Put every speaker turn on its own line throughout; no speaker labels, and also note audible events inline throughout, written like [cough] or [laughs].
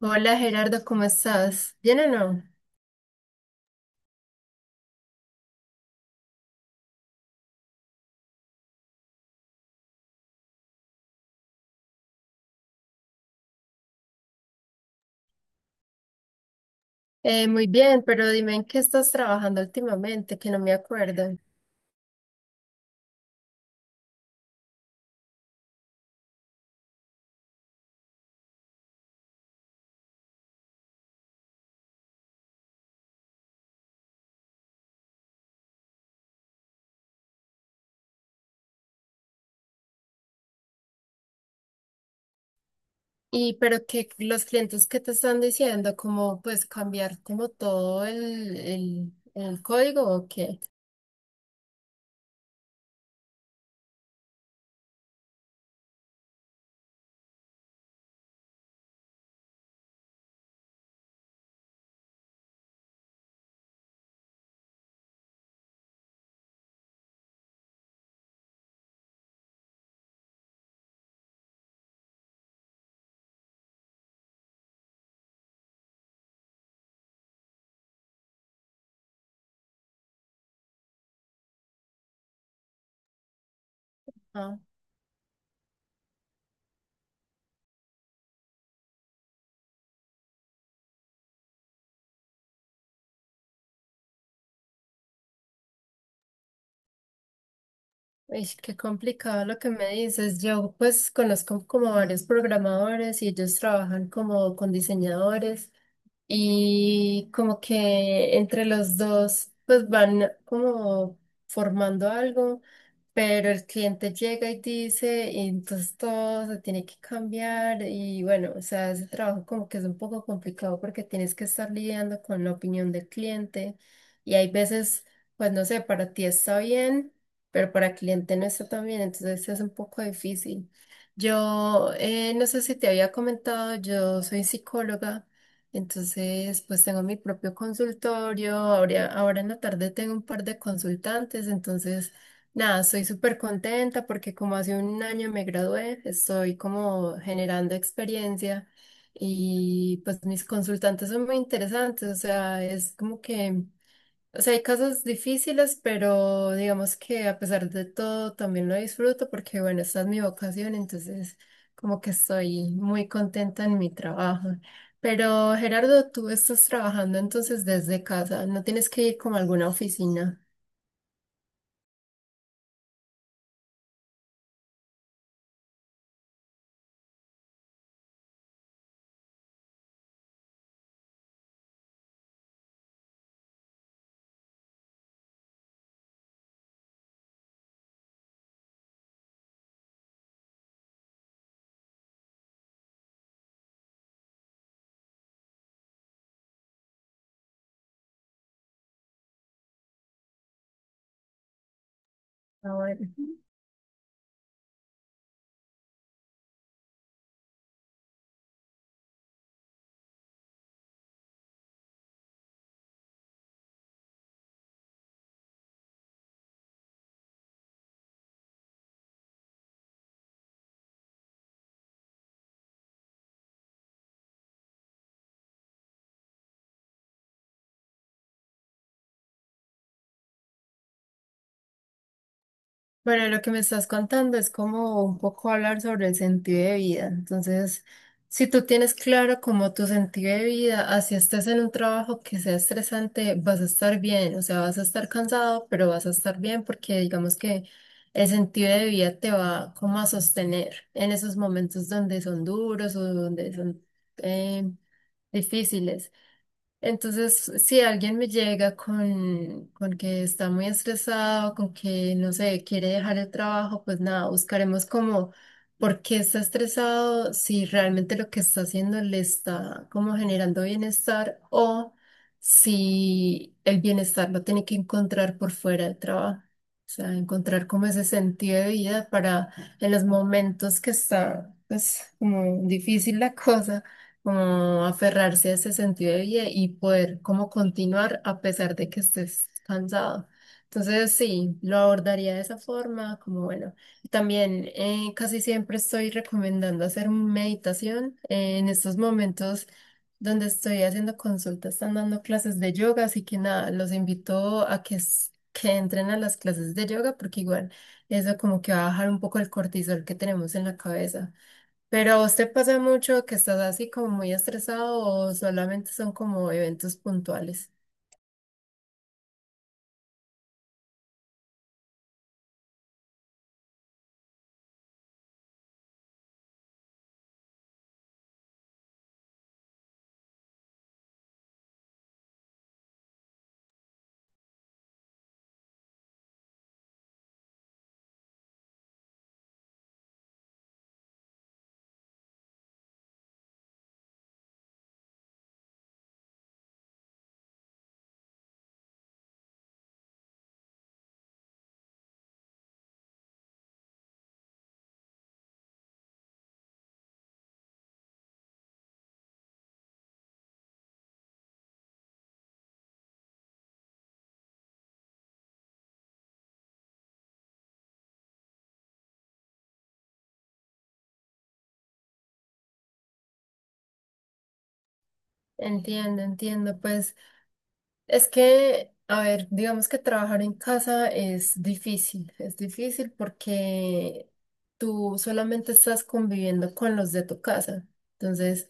Hola Gerardo, ¿cómo estás? ¿Bien o no? Muy bien, pero dime en qué estás trabajando últimamente, que no me acuerdo. Y pero que los clientes que te están diciendo, cómo pues cambiar como todo el código o qué. Ah, uish, qué complicado lo que me dices. Yo pues conozco como varios programadores y ellos trabajan como con diseñadores. Y como que entre los dos pues van como formando algo, pero el cliente llega y dice, y entonces todo se tiene que cambiar y bueno, o sea, ese trabajo como que es un poco complicado porque tienes que estar lidiando con la opinión del cliente y hay veces, pues no sé, para ti está bien, pero para el cliente no está tan bien, entonces es un poco difícil. Yo no sé si te había comentado, yo soy psicóloga. Entonces, pues tengo mi propio consultorio, ahora en la tarde tengo un par de consultantes, entonces, nada, estoy súper contenta porque como hace un año me gradué, estoy como generando experiencia y pues mis consultantes son muy interesantes, o sea, es como que... O sea, hay casos difíciles, pero digamos que a pesar de todo también lo disfruto porque, bueno, esta es mi vocación, entonces como que estoy muy contenta en mi trabajo. Pero Gerardo, tú estás trabajando entonces desde casa, no tienes que ir como a alguna oficina. Ah, bueno. Bueno, lo que me estás contando es como un poco hablar sobre el sentido de vida. Entonces, si tú tienes claro como tu sentido de vida, así estés en un trabajo que sea estresante, vas a estar bien, o sea, vas a estar cansado, pero vas a estar bien porque digamos que el sentido de vida te va como a sostener en esos momentos donde son duros o donde son eh, difíciles. Entonces, si alguien me llega con que está muy estresado, con que, no sé, quiere dejar el trabajo, pues nada, buscaremos como por qué está estresado, si realmente lo que está haciendo le está como generando bienestar o si el bienestar lo tiene que encontrar por fuera del trabajo. O sea, encontrar como ese sentido de vida para en los momentos que está, pues, como difícil la cosa como aferrarse a ese sentido de vida y poder como continuar a pesar de que estés cansado. Entonces, sí, lo abordaría de esa forma, como bueno. También casi siempre estoy recomendando hacer meditación en estos momentos donde estoy haciendo consultas, están dando clases de yoga, así que nada, los invito a que, que entren a las clases de yoga porque igual eso como que va a bajar un poco el cortisol que tenemos en la cabeza. Pero a usted pasa mucho que estás así como muy estresado o solamente son como eventos puntuales. Entiendo, entiendo. Pues es que, a ver, digamos que trabajar en casa es difícil porque tú solamente estás conviviendo con los de tu casa. Entonces,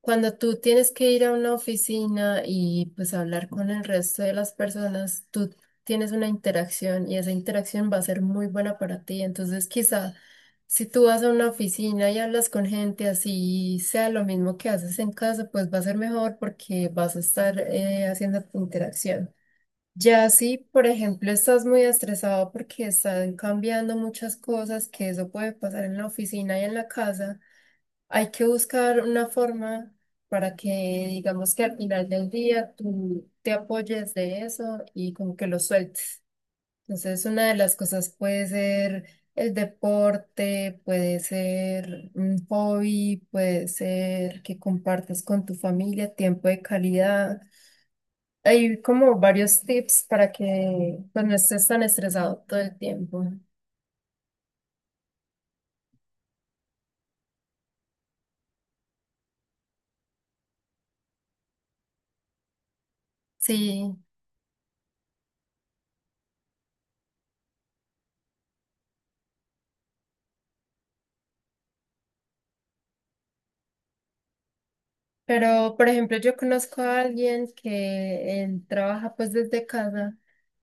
cuando tú tienes que ir a una oficina y pues hablar con el resto de las personas, tú tienes una interacción y esa interacción va a ser muy buena para ti. Entonces, quizá si tú vas a una oficina y hablas con gente así, sea lo mismo que haces en casa, pues va a ser mejor porque vas a estar haciendo tu interacción. Ya si, por ejemplo, estás muy estresado porque están cambiando muchas cosas, que eso puede pasar en la oficina y en la casa. Hay que buscar una forma para que digamos que al final del día tú te apoyes de eso y como que lo sueltes. Entonces, una de las cosas puede ser el deporte, puede ser un hobby, puede ser que compartas con tu familia tiempo de calidad. Hay como varios tips para que pues, no estés tan estresado todo el tiempo. Sí. Pero, por ejemplo, yo conozco a alguien que él trabaja pues desde casa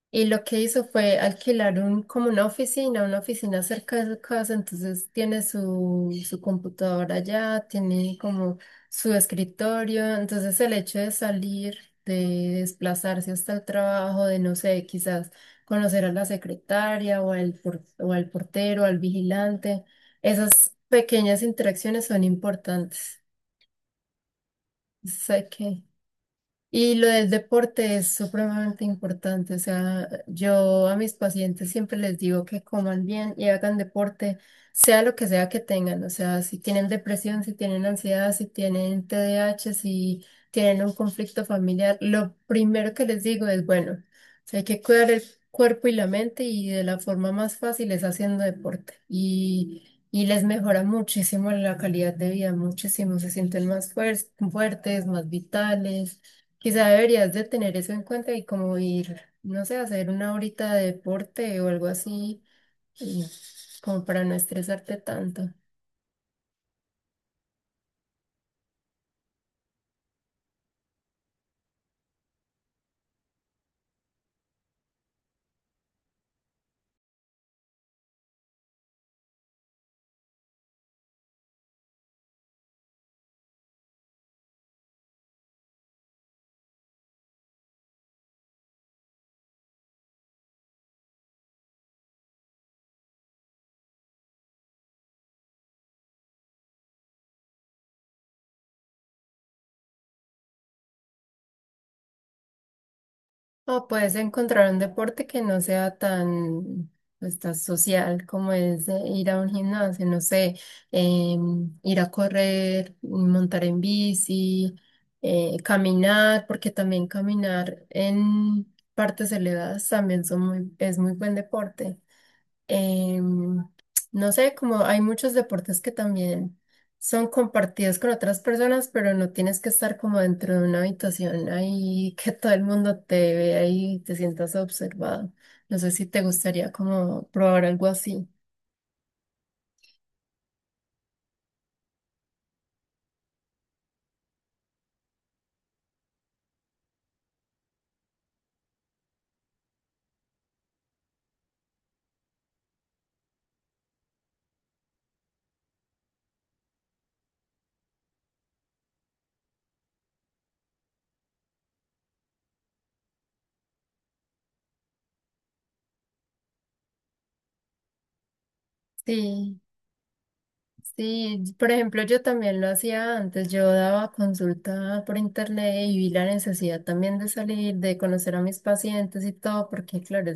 y lo que hizo fue alquilar un, como una oficina cerca de su casa, entonces tiene su computadora allá, tiene como su escritorio, entonces el hecho de salir, de desplazarse hasta el trabajo, de no sé, quizás conocer a la secretaria o al, o al portero, al vigilante, esas pequeñas interacciones son importantes. Sé que... Y lo del deporte es supremamente importante. O sea, yo a mis pacientes siempre les digo que coman bien y hagan deporte, sea lo que sea que tengan. O sea, si tienen depresión, si tienen ansiedad, si tienen TDAH, si tienen un conflicto familiar, lo primero que les digo es, bueno, o sea, hay que cuidar el cuerpo y la mente y de la forma más fácil es haciendo deporte. Y les mejora muchísimo la calidad de vida, muchísimo. Se sienten más fuertes, más vitales. Quizá deberías de tener eso en cuenta y como ir, no sé, hacer una horita de deporte o algo así, y como para no estresarte tanto. O puedes encontrar un deporte que no sea tan, pues, tan social como es ir a un gimnasio, no sé, em, ir a correr, montar en bici, caminar, porque también caminar en partes elevadas también son muy, es muy buen deporte. Em, no sé, como hay muchos deportes que también son compartidos con otras personas, pero no tienes que estar como dentro de una habitación ahí [laughs] que todo el mundo te vea y te sientas observado. No sé si te gustaría como probar algo así. Sí, sí, por ejemplo, yo también lo hacía antes, yo daba consulta por internet y vi la necesidad también de salir, de conocer a mis pacientes y todo, porque claro,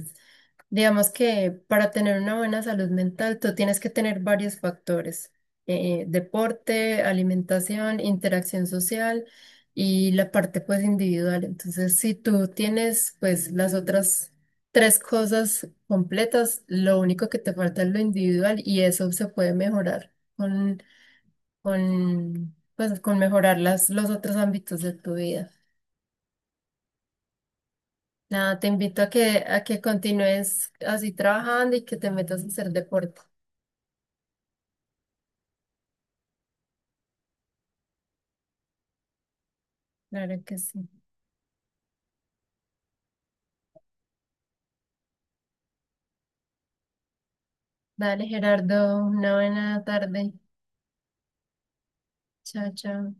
digamos que para tener una buena salud mental, tú tienes que tener varios factores, deporte, alimentación, interacción social y la parte pues individual. Entonces, si tú tienes pues las otras tres cosas completas, lo único que te falta es lo individual y eso se puede mejorar con, pues, con mejorar los otros ámbitos de tu vida. Nada, te invito a que continúes así trabajando y que te metas a hacer deporte. Claro que sí. Dale, Gerardo, una buena tarde. Chao, chao.